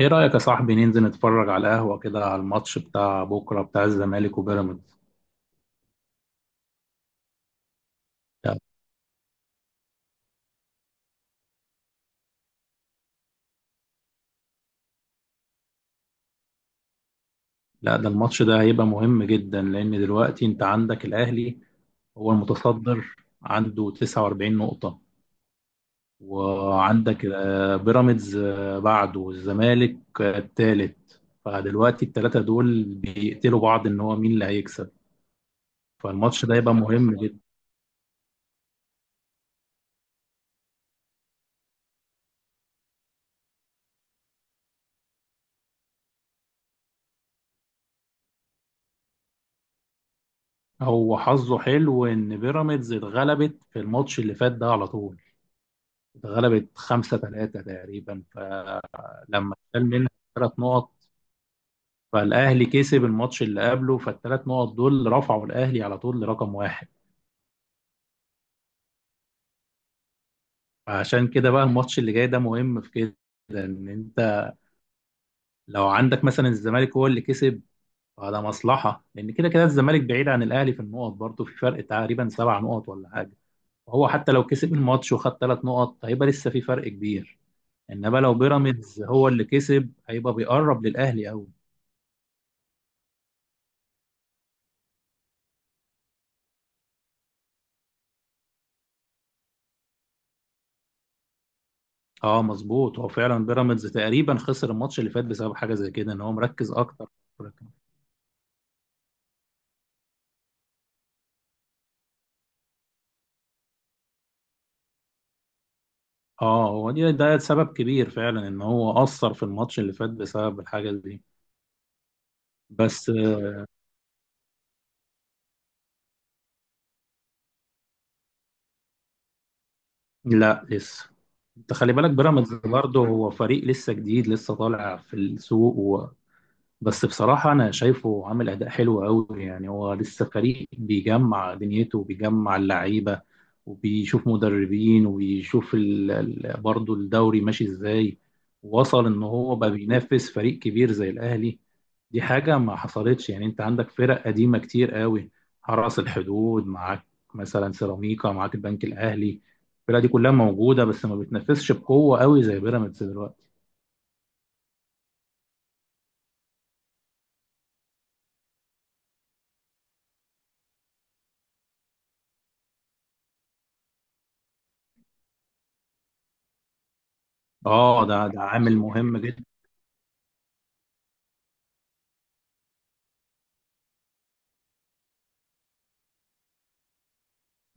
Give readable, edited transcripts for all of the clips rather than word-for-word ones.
ايه رأيك يا صاحبي ننزل نتفرج على القهوة كده على الماتش بتاع بكرة بتاع الزمالك وبيراميدز. لا. ده الماتش ده هيبقى مهم جدا لأن دلوقتي انت عندك الأهلي. هو المتصدر عنده 49 نقطة. وعندك بيراميدز بعده والزمالك التالت. فدلوقتي التلاتة دول بيقتلوا بعض ان هو مين اللي هيكسب. فالماتش ده هيبقى مهم جدا. هو حظه حلو ان بيراميدز اتغلبت في الماتش اللي فات ده على طول. اتغلبت 5 3 تقريبا، فلما اتشال منها 3 نقط كسب الماتش اللي قبله، فالـ3 نقط رفعوا الاهلي على طول لرقم واحد. عشان كده بقى الماتش اللي جاي ده مهم في كده ان انت لو عندك مثلا الزمالك هو اللي كسب، فده مصلحه لان كده كده الزمالك بعيد عن الاهلي في النقط، برضه في فرق تقريبا 7 نقط حاجه، وهو حتى لو كسب الماتش وخد 3 نقط لسه في فرق كبير. انما لو بيراميدز هو اللي كسب هيبقى بيقرب للاهلي قوي. اه مظبوط، هو فعلا بيراميدز تقريبا خسر الماتش اللي فات بسبب حاجه زي كده ان هو مركز اكتر. اه هو دي ده سبب كبير فعلا ان هو اثر في الماتش اللي فات بسبب الحاجه دي. بس آه، لا لسه. انت خلي بالك بيراميدز برضه هو فريق لسه جديد لسه طالع في السوق. بس بصراحة أنا شايفه عامل أداء حلو أوي. يعني هو لسه فريق بيجمع دنيته وبيجمع اللعيبة وبيشوف مدربين وبيشوف برضه الدوري ماشي إزاي. وصل إن هو بقى بينافس فريق كبير زي الأهلي. دي حاجة ما حصلتش. يعني أنت عندك فرق قديمة كتير أوي. حرس الحدود معاك، مثلا سيراميكا معاك، البنك الأهلي. الفرق دي كلها موجودة بس ما بتنافسش بقوة أوي زي بيراميدز دلوقتي. اه ده عامل مهم جدا.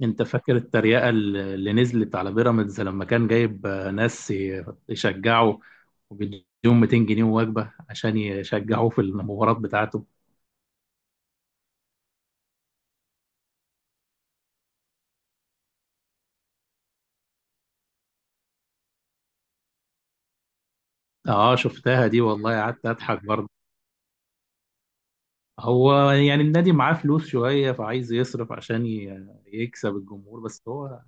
انت فاكر التريقة اللي نزلت على بيراميدز لما كان جايب ناس يشجعوا وبيديهم 200 جنيه وجبة عشان يشجعوه في المباراة بتاعته. اه شفتها دي والله، قعدت اضحك برضه. هو يعني النادي معاه فلوس شوية فعايز يصرف عشان يكسب الجمهور بس هو.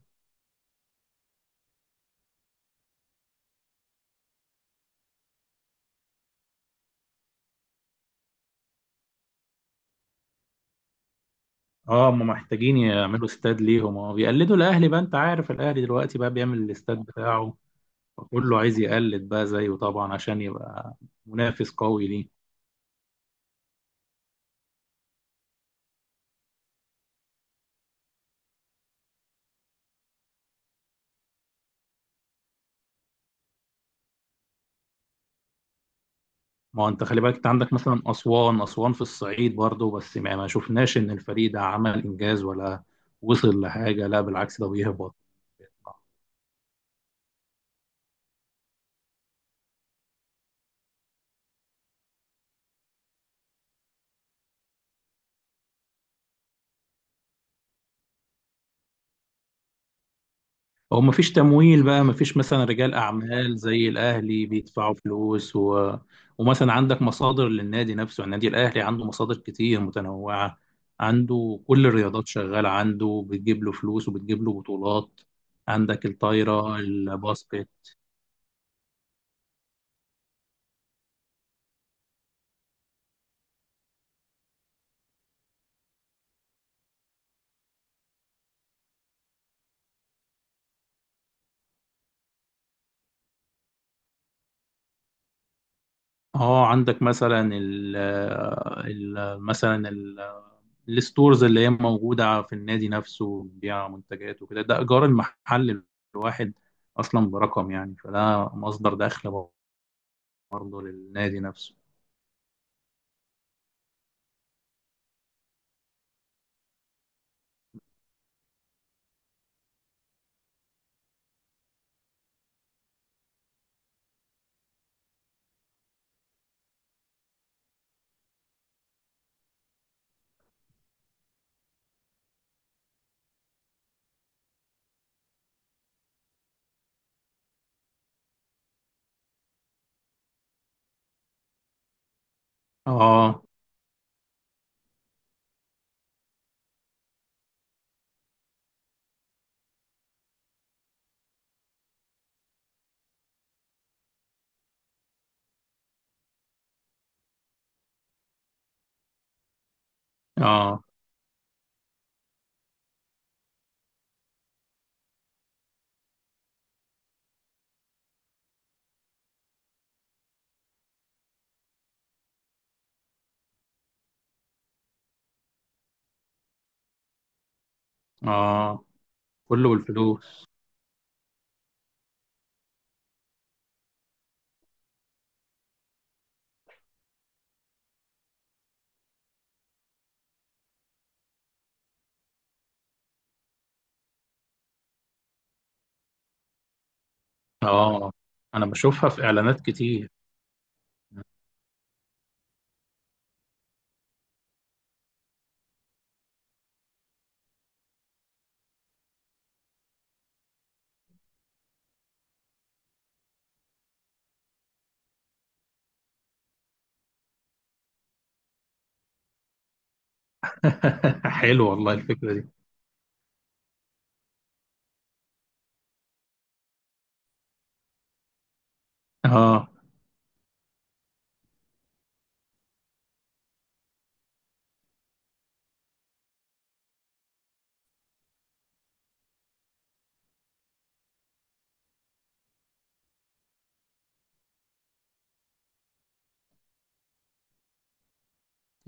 اه هم محتاجين يعملوا استاد ليهم. اه بيقلدوا الاهلي بقى، انت عارف الاهلي دلوقتي بقى بيعمل الاستاد بتاعه. فكله عايز يقلد بقى زيه طبعا عشان يبقى منافس قوي ليه. ما هو انت خلي بالك، انت عندك مثلا اسوان، اسوان في الصعيد برضه بس ما شفناش ان الفريق ده عمل انجاز ولا وصل لحاجه. لا بالعكس ده بيهبط. هو ما فيش تمويل بقى، ما فيش مثلا رجال اعمال زي الاهلي بيدفعوا فلوس، و... ومثلا عندك مصادر للنادي نفسه. يعني النادي الاهلي عنده مصادر كتير متنوعه، عنده كل الرياضات شغاله عنده بتجيب له فلوس وبتجيب له بطولات. عندك الطايره، الباسكت. اه عندك مثلا ال مثلا ال- الستورز اللي هي موجودة في النادي نفسه بتبيع منتجات وكده. ده إيجار المحل الواحد أصلا برقم، يعني فده مصدر دخل برضه للنادي نفسه. اه اه اه كله بالفلوس. اه أنا بشوفها في إعلانات كتير. حلو والله الفكرة دي. اه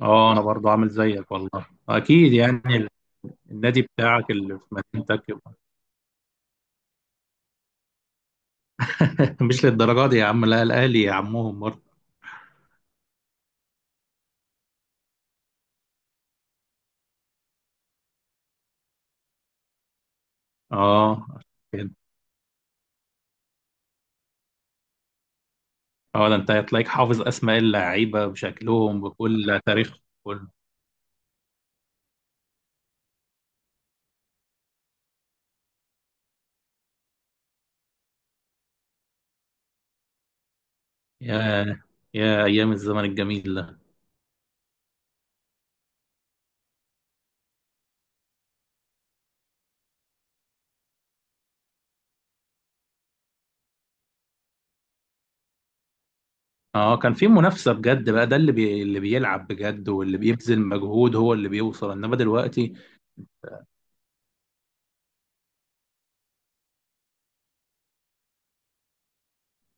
اه أنا برضه عامل زيك والله أكيد، يعني النادي بتاعك اللي في مدينتك. مش للدرجة دي يا عم، لا الأهلي يا عمهم برضه. اه عشان كده. اه ده انت هتلاقيك حافظ أسماء اللعيبة بشكلهم بكل تاريخهم كله. يا يا أيام الزمن الجميل ده. اه كان في منافسة بجد بقى، ده اللي اللي بيلعب بجد واللي بيبذل مجهود هو اللي بيوصل، إنما دلوقتي.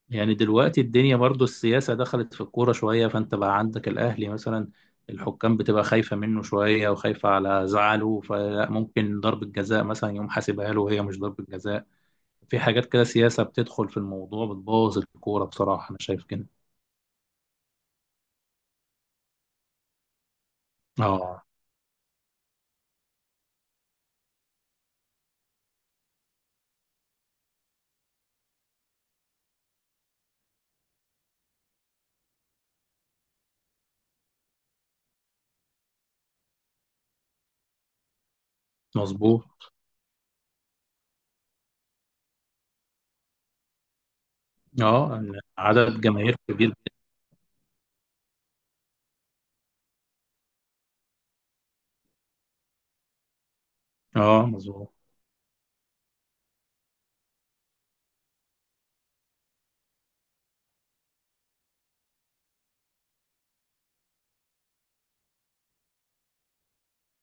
يعني دلوقتي الدنيا برضه السياسة دخلت في الكورة شوية، فأنت بقى عندك الأهلي مثلا، الحكام بتبقى خايفة منه شوية وخايفة على زعله، فممكن ضربة جزاء مثلا يقوم حاسبها له وهي مش ضربة جزاء. في حاجات كده سياسة بتدخل في الموضوع بتبوظ الكورة، بصراحة أنا شايف كده. اه مظبوط. اه إن عدد جماهير كبير. اه مظبوط.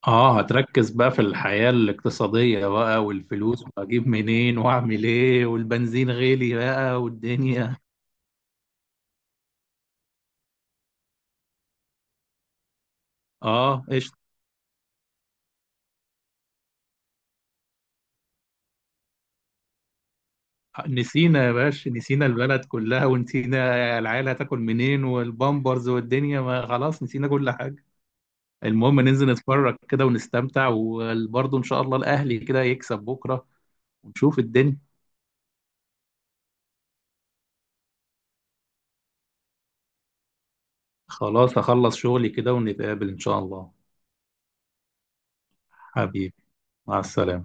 اه هتركز بقى في الحياة الاقتصادية بقى والفلوس واجيب منين واعمل ايه والبنزين غالي بقى والدنيا. اه ايش. نسينا يا باشا، نسينا البلد كلها ونسينا العيال هتاكل منين والبامبرز والدنيا، ما خلاص نسينا كل حاجة. المهم ننزل نتفرج كده ونستمتع، وبرضه ان شاء الله الاهلي كده يكسب بكره ونشوف الدنيا. خلاص هخلص شغلي كده ونتقابل ان شاء الله. حبيبي، مع السلامه.